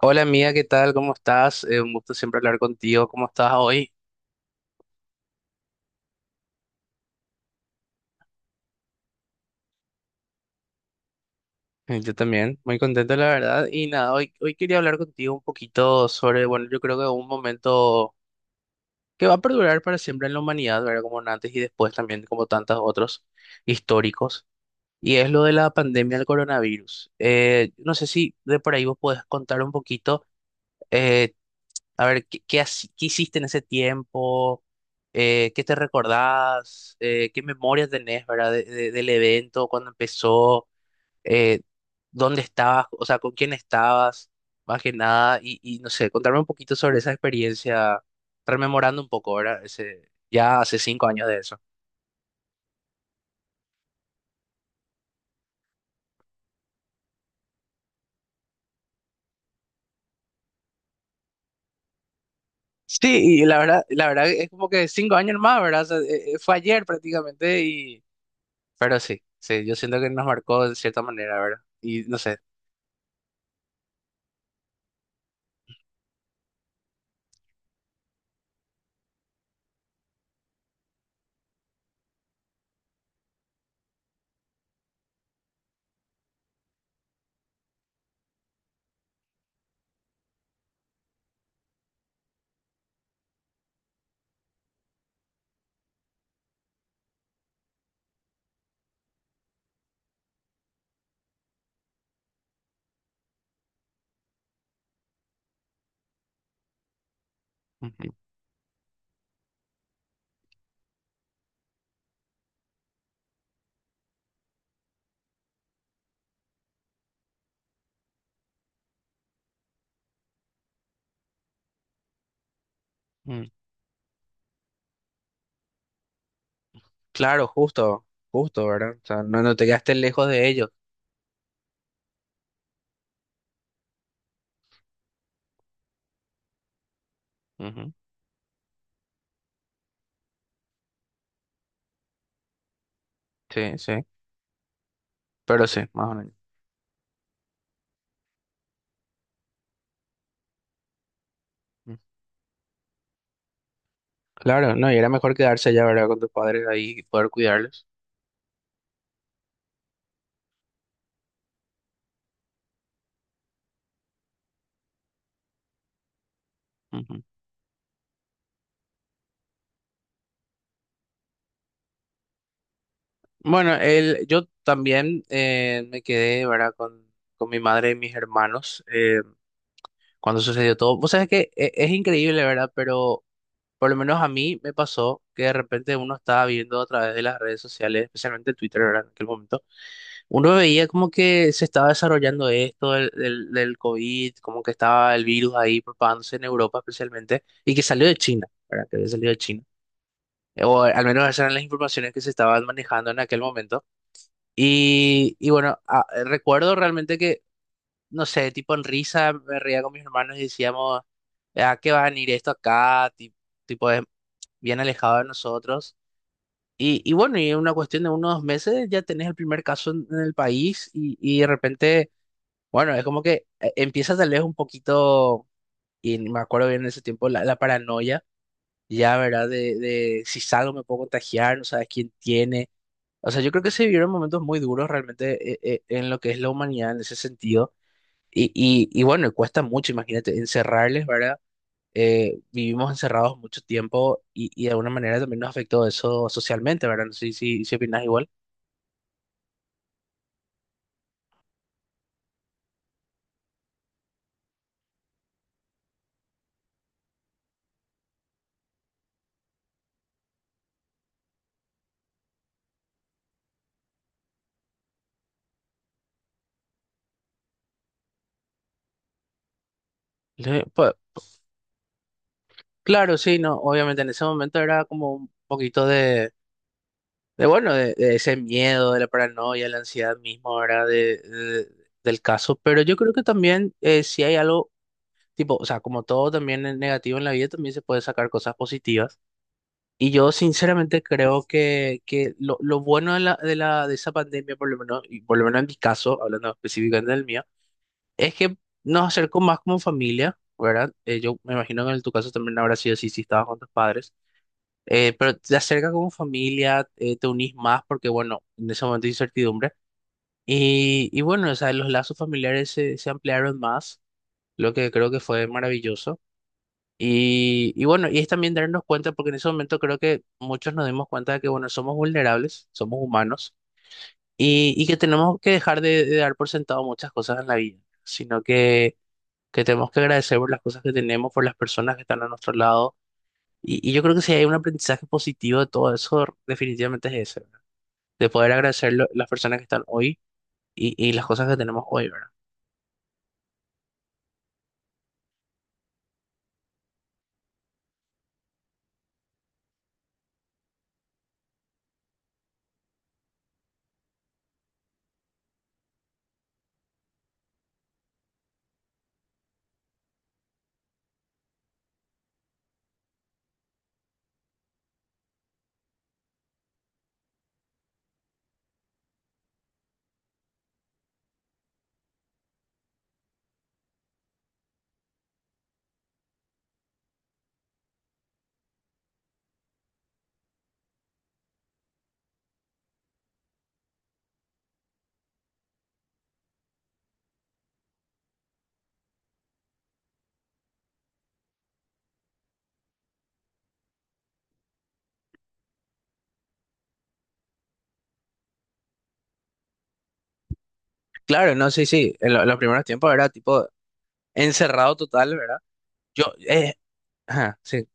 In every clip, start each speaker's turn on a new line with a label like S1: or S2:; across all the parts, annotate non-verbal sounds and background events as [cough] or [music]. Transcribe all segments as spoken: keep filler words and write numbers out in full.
S1: Hola amiga, ¿qué tal? ¿Cómo estás? Eh, un gusto siempre hablar contigo. ¿Cómo estás hoy? Eh, Yo también, muy contento la verdad. Y nada, hoy, hoy quería hablar contigo un poquito sobre, bueno, yo creo que un momento que va a perdurar para siempre en la humanidad, ¿verdad? Como un antes y después también, como tantos otros históricos. Y es lo de la pandemia del coronavirus. Eh, no sé si de por ahí vos podés contar un poquito. eh, A ver, ¿qué, qué, haci- ¿qué hiciste en ese tiempo? Eh, ¿qué te recordás? Eh, ¿qué memorias tenés, verdad, de- de- del evento, cuando empezó? Eh, ¿Dónde estabas? O sea, ¿con quién estabas? Más que nada, y, y no sé, contarme un poquito sobre esa experiencia, rememorando un poco, ¿verdad? Ese, ya hace cinco años de eso. Sí, y la verdad, la verdad es como que cinco años más, ¿verdad? O sea, eh, eh, fue ayer prácticamente y... Pero sí, sí, yo siento que nos marcó de cierta manera, ¿verdad? Y no sé. Ujú. Claro, justo, justo, ¿verdad? O sea, no, no te quedaste lejos de ellos. Ujú. Sí, sí, pero sí, más o menos. Mm. Claro, no, y era mejor quedarse allá, ¿verdad? Con tus padres ahí y poder cuidarlos. Ujú. Bueno, el, yo también eh, me quedé, ¿verdad? Con, con mi madre y mis hermanos eh, cuando sucedió todo. Vos sabés que e- es increíble, ¿verdad? Pero por lo menos a mí me pasó que de repente uno estaba viendo a través de las redes sociales, especialmente Twitter, ¿verdad? En aquel momento uno veía como que se estaba desarrollando esto del, del, del COVID, como que estaba el virus ahí propagándose en Europa especialmente, y que salió de China, ¿verdad? Que había salido de China. O al menos esas eran las informaciones que se estaban manejando en aquel momento. Y, y bueno, a- recuerdo realmente que, no sé, tipo en risa me reía con mis hermanos y decíamos, ¿a qué va a venir esto acá? Ti- Tipo, es bien alejado de nosotros. Y, y bueno, y en una cuestión de unos dos meses ya tenés el primer caso en, en el país y, y de repente... Bueno, es como que eh, empieza tal vez un poquito, y me acuerdo bien en ese tiempo, la, la paranoia, ya, ¿verdad? De, de si salgo me puedo contagiar, no sabes quién tiene. O sea, yo creo que se vivieron momentos muy duros realmente eh, eh, en lo que es la humanidad en ese sentido. Y, y, y bueno, cuesta mucho, imagínate, encerrarles, ¿verdad? Eh, vivimos encerrados mucho tiempo y, y de alguna manera también nos afectó eso socialmente, ¿verdad? No sé si, si opinas igual. Le- pues, claro, sí, no, obviamente en ese momento era como un poquito de de bueno, de, de ese miedo, de la paranoia, la ansiedad misma ahora de, de- del caso, pero yo creo que también eh, si hay algo, tipo, o sea, como todo también es negativo en la vida, también se puede sacar cosas positivas. Y yo sinceramente creo que, que lo, lo bueno de la, de la, de esa pandemia, por lo menos, y por lo menos en mi caso, hablando específicamente del mío, es que nos acercó más como familia, ¿verdad? Eh, yo me imagino que en tu caso también habrá sido así si estabas con tus padres eh, pero te acerca como familia, eh, te unís más porque, bueno, en ese momento hay incertidumbre. Y, y bueno, o sea, los lazos familiares se, se ampliaron más, lo que creo que fue maravilloso. Y, y bueno, y es también darnos cuenta, porque en ese momento creo que muchos nos dimos cuenta de que, bueno, somos vulnerables, somos humanos, y, y que tenemos que dejar de, de dar por sentado muchas cosas en la vida, sino que, que tenemos que agradecer por las cosas que tenemos, por las personas que están a nuestro lado y, y yo creo que si hay un aprendizaje positivo de todo eso, definitivamente es ese, ¿verdad? De poder agradecer lo- las personas que están hoy y, y las cosas que tenemos hoy, ¿verdad? Claro, no, sí, sí, en lo- en los primeros tiempos era tipo encerrado total, ¿verdad? Yo, eh, ajá, sí,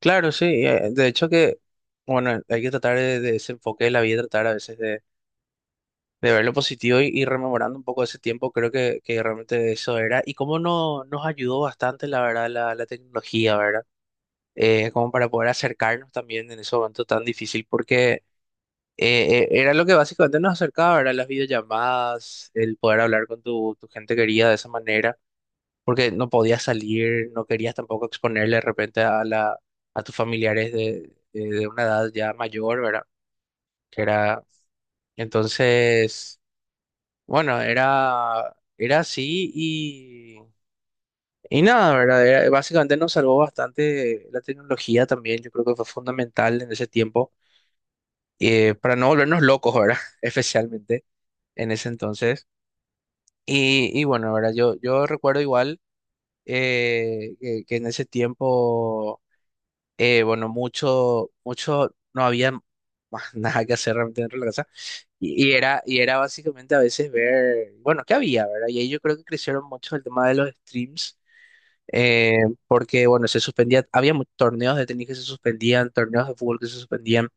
S1: claro, sí, eh, de hecho que, bueno, hay que tratar de, de ese enfoque de la vida, tratar a veces de, de ver lo positivo y, y rememorando un poco ese tiempo, creo que, que realmente eso era. Y cómo no, nos ayudó bastante, la verdad, la, la tecnología, ¿verdad? Eh, como para poder acercarnos también en ese momento tan difícil, porque eh, eh, era lo que básicamente nos acercaba, eran las videollamadas, el poder hablar con tu, tu gente querida de esa manera, porque no podías salir, no querías tampoco exponerle de repente a la, a tus familiares de, eh, de una edad ya mayor, ¿verdad? Que era, entonces, bueno, era, era así y... Y nada, ¿verdad? Era- básicamente nos salvó bastante la tecnología también. Yo creo que fue fundamental en ese tiempo eh, para no volvernos locos, ¿verdad? [laughs] Especialmente en ese entonces. Y, y bueno, ¿verdad? Yo, yo recuerdo igual eh, que, que en ese tiempo, eh, bueno, mucho, mucho, no había más [laughs] nada que hacer realmente dentro de la casa. Y, y era, y era básicamente a veces ver, bueno, ¿qué había, ¿verdad? Y ahí yo creo que crecieron mucho el tema de los streams. eh, Porque bueno, se suspendía, había mu- torneos de tenis que se suspendían, torneos de fútbol que se suspendían.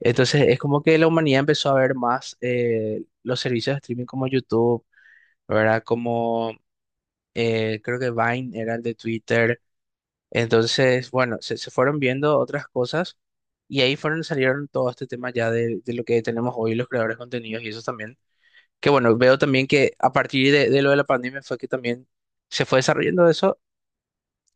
S1: Entonces es como que la humanidad empezó a ver más eh, los servicios de streaming como YouTube, ¿verdad? Como eh, creo que Vine era el de Twitter. Entonces, bueno, se, se fueron viendo otras cosas y ahí fueron, salieron todo este tema ya de, de lo que tenemos hoy los creadores de contenidos y eso también. Que bueno, veo también que a partir de, de lo de la pandemia fue que también se fue desarrollando eso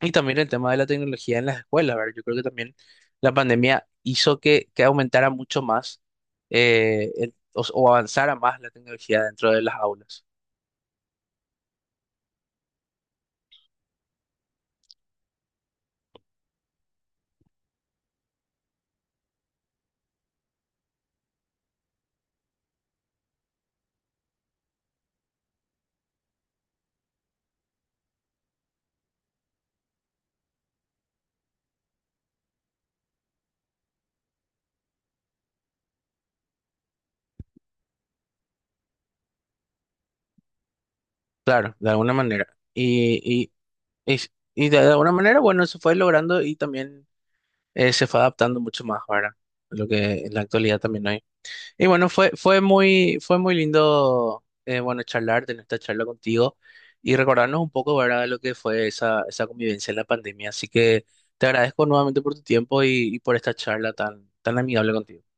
S1: y también el tema de la tecnología en las escuelas, ¿verdad? Yo creo que también la pandemia hizo que, que aumentara mucho más eh, el- o, o avanzara más la tecnología dentro de las aulas. Claro, de alguna manera. Y, y, y, y de alguna manera, bueno, se fue logrando y también eh, se fue adaptando mucho más, ¿verdad? Lo que en la actualidad también hay. Y bueno, fue, fue muy, fue muy lindo, eh, bueno, charlar, tener esta charla contigo y recordarnos un poco, ¿verdad?, de lo que fue esa, esa convivencia en la pandemia. Así que te agradezco nuevamente por tu tiempo y, y por esta charla tan, tan amigable contigo.